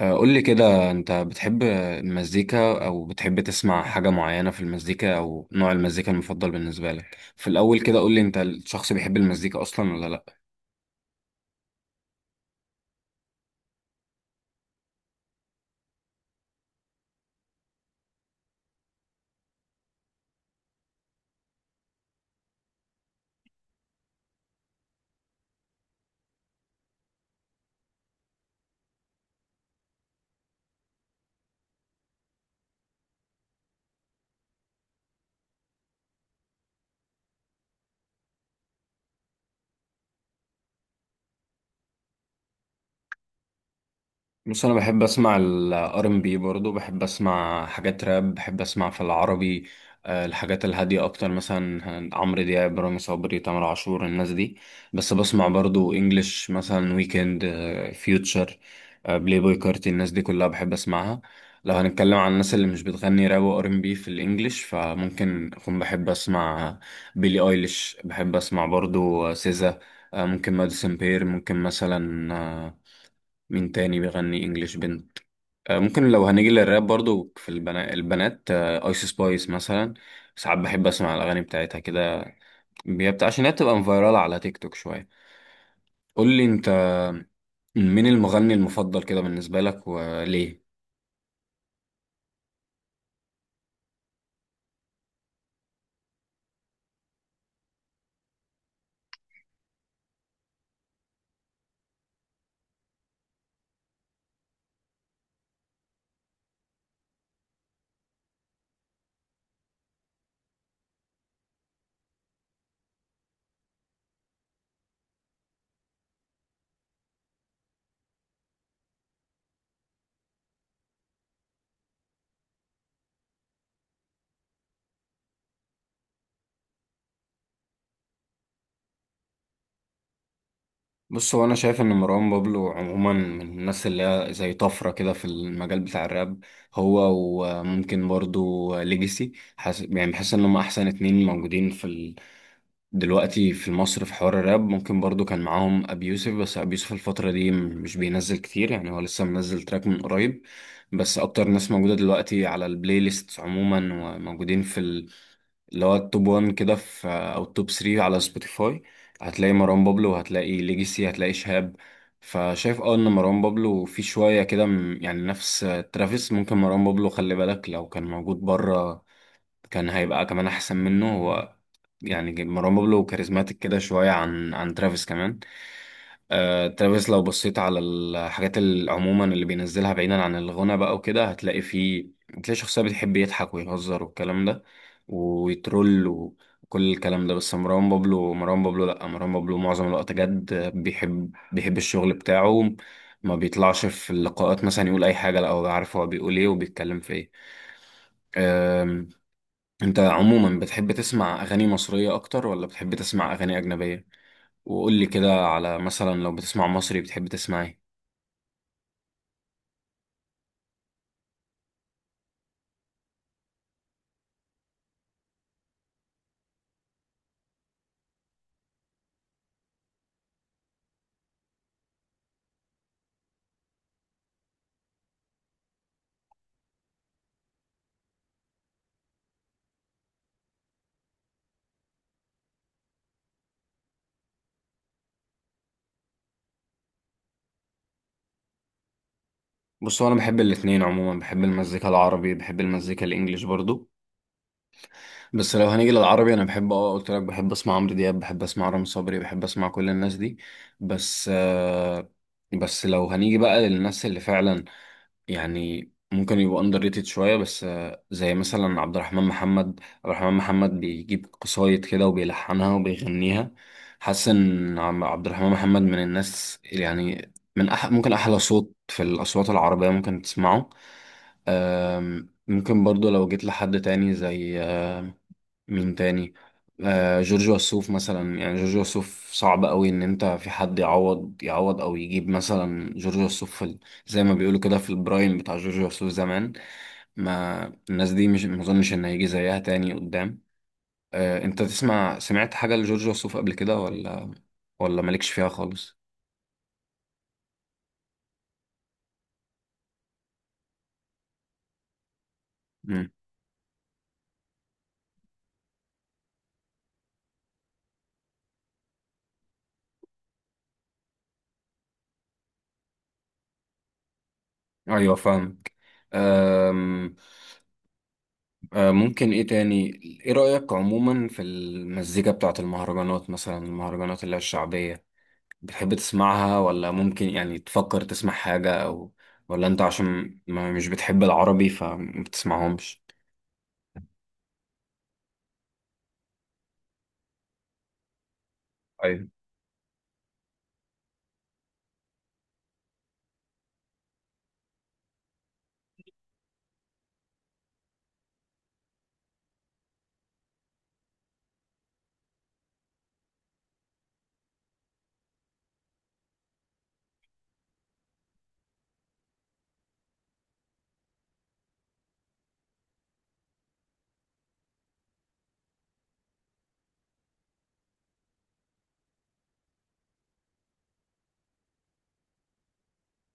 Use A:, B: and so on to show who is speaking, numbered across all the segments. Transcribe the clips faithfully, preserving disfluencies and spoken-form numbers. A: آه، قول لي كده، انت بتحب المزيكا او بتحب تسمع حاجة معينة في المزيكا او نوع المزيكا المفضل بالنسبة لك؟ في الاول كده قول لي انت الشخص بيحب المزيكا اصلا ولا لا؟ بص، انا بحب اسمع الار ام بي، برضه بحب اسمع حاجات راب، بحب اسمع في العربي. آه، الحاجات الهاديه اكتر، مثلا عمرو دياب، رامي صبري، تامر عاشور، الناس دي. بس بسمع برضه انجلش، مثلا ويكند، فيوتشر، بلاي بوي كارتي، الناس دي كلها بحب اسمعها. لو هنتكلم عن الناس اللي مش بتغني راب وار ام بي في الانجليش، فممكن اكون بحب اسمع بيلي ايليش، بحب اسمع برضه سيزا، آه، ممكن ماديسون بير، ممكن مثلا، آه، مين تاني بيغني انجليش بنت؟ آه، ممكن لو هنيجي للراب برضو، في البنا... البنات ايس سبايس مثلا. ساعات بحب اسمع الاغاني بتاعتها كده. بيبت... عشان هي بتبقى فايرال على تيك توك شويه. قول لي انت، مين المغني المفضل كده بالنسبه لك وليه؟ بص، هو انا شايف ان مروان بابلو عموما من الناس اللي هي زي طفره كده في المجال بتاع الراب، هو وممكن برضو ليجاسي. حس... يعني بحس ان هم احسن اتنين موجودين في دلوقتي في مصر في حوار الراب. ممكن برضو كان معاهم ابي يوسف، بس ابي يوسف الفترة دي م- مش بينزل كتير، يعني هو لسه منزل تراك من قريب. بس اكتر ناس موجودة دلوقتي على البلاي ليست عموما، وموجودين في ال- اللي هو التوب واحد كده، في او التوب تلاتة على سبوتيفاي، هتلاقي مروان بابلو، هتلاقي ليجيسي، هتلاقي شهاب. فشايف اه ان مروان بابلو في شوية كده م- يعني نفس ترافيس. ممكن مروان بابلو، خلي بالك، لو كان موجود بره كان هيبقى كمان احسن منه هو. يعني مروان بابلو كاريزماتيك كده شويه عن عن ترافيس كمان. آه ترافيس، لو بصيت على الحاجات ال- عموما اللي بينزلها بعيدا عن الغنى بقى وكده، هتلاقي فيه، هتلاقي شخصيه بتحب يضحك ويهزر والكلام ده، ويترول وكل الكلام ده. بس مروان بابلو، مروان بابلو لا مروان بابلو معظم الوقت جد، آه، بيحب بيحب الشغل بتاعه، ما بيطلعش في اللقاءات مثلا يقول اي حاجه. لا، هو عارف هو بيقول ايه وبيتكلم في ايه. انت عموما بتحب تسمع اغاني مصرية اكتر ولا بتحب تسمع اغاني اجنبية؟ وقول لي كده على مثلا، لو بتسمع مصري، بتحب تسمع ايه؟ بص، هو انا بحب الاتنين عموما، بحب المزيكا العربي، بحب المزيكا الانجليش برضو. بس لو هنيجي للعربي، انا بحب اه قلت لك، بحب اسمع عمرو دياب، بحب اسمع رامي صبري، بحب اسمع كل الناس دي. بس آه، بس لو هنيجي بقى للناس اللي فعلا يعني ممكن يبقوا اندر ريتد شويه، بس آه، زي مثلا عبد الرحمن محمد. عبد الرحمن محمد بيجيب قصايد كده وبيلحنها وبيغنيها. حاسس ان عم- عبد الرحمن محمد من الناس، يعني من أح ممكن احلى صوت في الاصوات العربيه ممكن تسمعه. آم، ممكن برضو لو جيت لحد تاني زي مين تاني، آه جورج وسوف مثلا. يعني جورج وسوف صعب قوي ان انت في حد يعوض يعوض او يجيب مثلا جورج وسوف في ال... زي ما بيقولوا كده في البرايم بتاع جورج وسوف زمان. ما الناس دي مش ما اظنش ان هيجي زيها تاني قدام. آه انت تسمع سمعت حاجة لجورج وسوف قبل كده ولا ولا مالكش فيها خالص؟ مم. ايوه فاهمك. آم، آه، ممكن ايه تاني، ايه رأيك عموما في المزيكا بتاعت المهرجانات، مثلا المهرجانات اللي هي الشعبية؟ بتحب تسمعها ولا ممكن يعني تفكر تسمع حاجة، أو ولا أنت عشان ما مش بتحب العربي فما بتسمعهمش؟ أيوة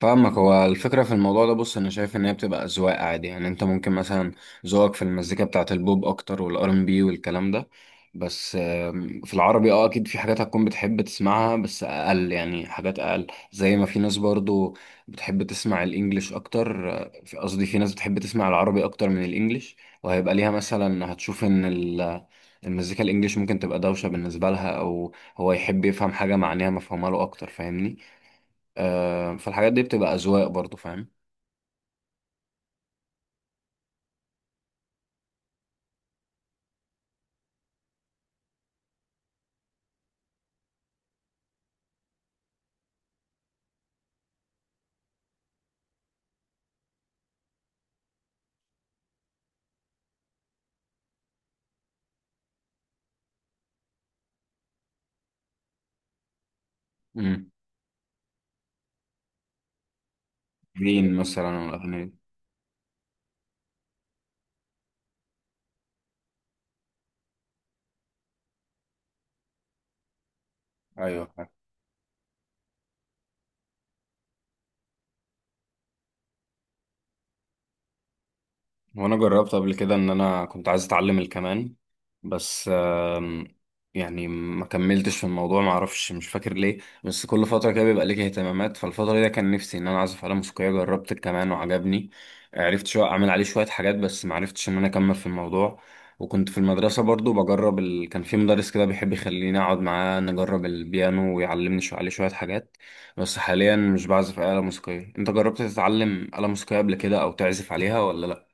A: فاهمك. هو الفكرة في الموضوع ده، بص، أنا شايف إن هي بتبقى أذواق عادي، يعني أنت ممكن مثلا ذوقك في المزيكا بتاعة البوب أكتر والآر إن بي والكلام ده. بس آم، في العربي أه أكيد في حاجات هتكون بتحب تسمعها، بس أقل، يعني حاجات أقل، زي ما في ناس برضو بتحب تسمع الإنجليش أكتر. آه، في- قصدي في ناس بتحب تسمع العربي أكتر من الإنجليش، وهيبقى ليها مثلا، هتشوف إن ال- المزيكا الإنجليش ممكن تبقى دوشة بالنسبة لها، أو هو يحب يفهم حاجة معناها مفهومة له أكتر، فاهمني؟ آه، فالحاجات دي بتبقى أذواق برضو، فاهم. امم. جين مثلا والأغاني دي. أيوه. وانا جربت قبل كده ان انا كنت عايز اتعلم الكمان، بس آم، يعني ما كملتش في الموضوع، ما اعرفش، مش فاكر ليه. بس كل فتره كده بيبقى ليك اهتمامات، فالفتره دي كان نفسي ان انا اعزف آلة موسيقيه، جربت الكمان وعجبني، عرفت شويه اعمل عليه شويه حاجات، بس ما عرفتش ان انا اكمل في الموضوع. وكنت في المدرسه برضو بجرب ال... كان في مدرس كده بيحب يخليني اقعد معاه نجرب البيانو ويعلمني شويه عليه شويه حاجات. بس حاليا مش بعزف آلة موسيقيه. انت جربت تتعلم آلة موسيقيه قبل كده او تعزف عليها ولا لا؟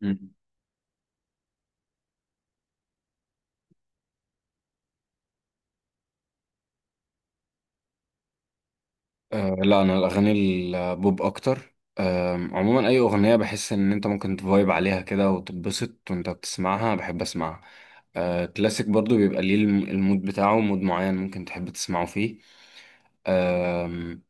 A: مم. أه لا، انا الاغاني البوب اكتر. آم، عموما اي اغنيه بحس ان انت ممكن تفايب عليها كده وتتبسط وانت بتسمعها، بحب اسمعها. أه كلاسيك برضو بيبقى ليه الم- المود بتاعه، مود معين ممكن تحب تسمعه فيه. آم،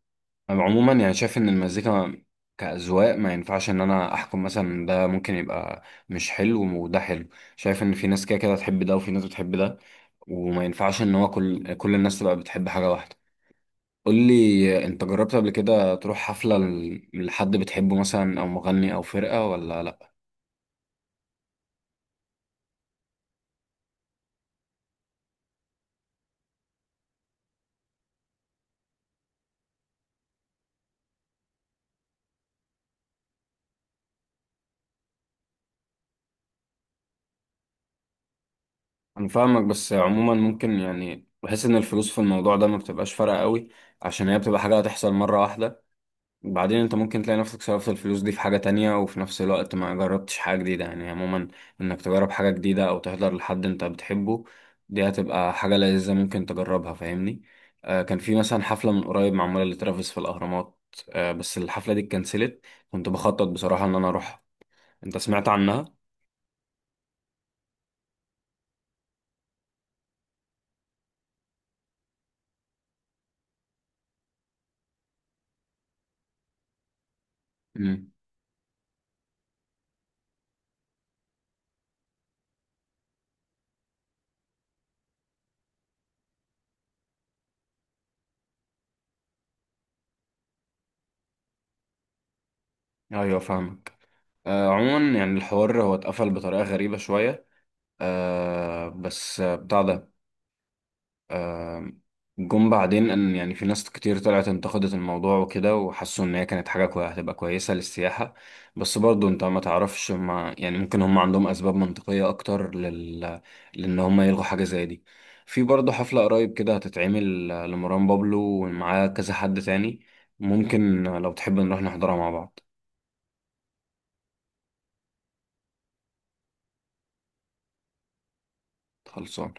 A: أنا عموما يعني شايف ان المزيكا كأذواق، ما ينفعش ان انا احكم مثلا ده ممكن يبقى مش حلو وده حلو. شايف ان في ناس كده كده تحب ده وفي ناس بتحب ده، وما ينفعش ان هو كل كل الناس تبقى بتحب حاجه واحده. قول لي انت، جربت قبل كده تروح حفلة ل- لحد بتحبه مثلا او مغني او فرقة ولا لا؟ انا فاهمك. بس عموما ممكن، يعني بحس ان الفلوس في الموضوع ده ما بتبقاش فارقة قوي، عشان هي بتبقى حاجة هتحصل مرة واحدة. بعدين انت ممكن تلاقي نفسك صرفت الفلوس دي في حاجة تانية وفي نفس الوقت ما جربتش حاجة جديدة. يعني عموما، انك تجرب حاجة جديدة او تحضر لحد انت بتحبه، دي هتبقى حاجة لذيذة ممكن تجربها، فاهمني؟ آه، كان في مثلا حفلة من قريب معمولة لترافيس في الأهرامات، آه بس الحفلة دي اتكنسلت، كنت بخطط بصراحة ان انا اروحها. انت سمعت عنها؟ امم. ايوه فاهمك. آه عموما يعني الحوار هو اتقفل بطريقة غريبة شوية، آه بس آه، بتاع ده، جم بعدين ان يعني في ناس كتير طلعت انتقدت الموضوع وكده وحسوا ان هي كانت حاجه كويسه، هتبقى كويسه للسياحه. بس برضو انت ما تعرفش، ما يعني ممكن هم عندهم اسباب منطقيه اكتر لل، لان هم يلغوا حاجه زي دي. في برضو حفله قريب كده هتتعمل لمروان بابلو ومعاه كذا حد تاني، ممكن لو تحب نروح نحضرها مع بعض. خلصان.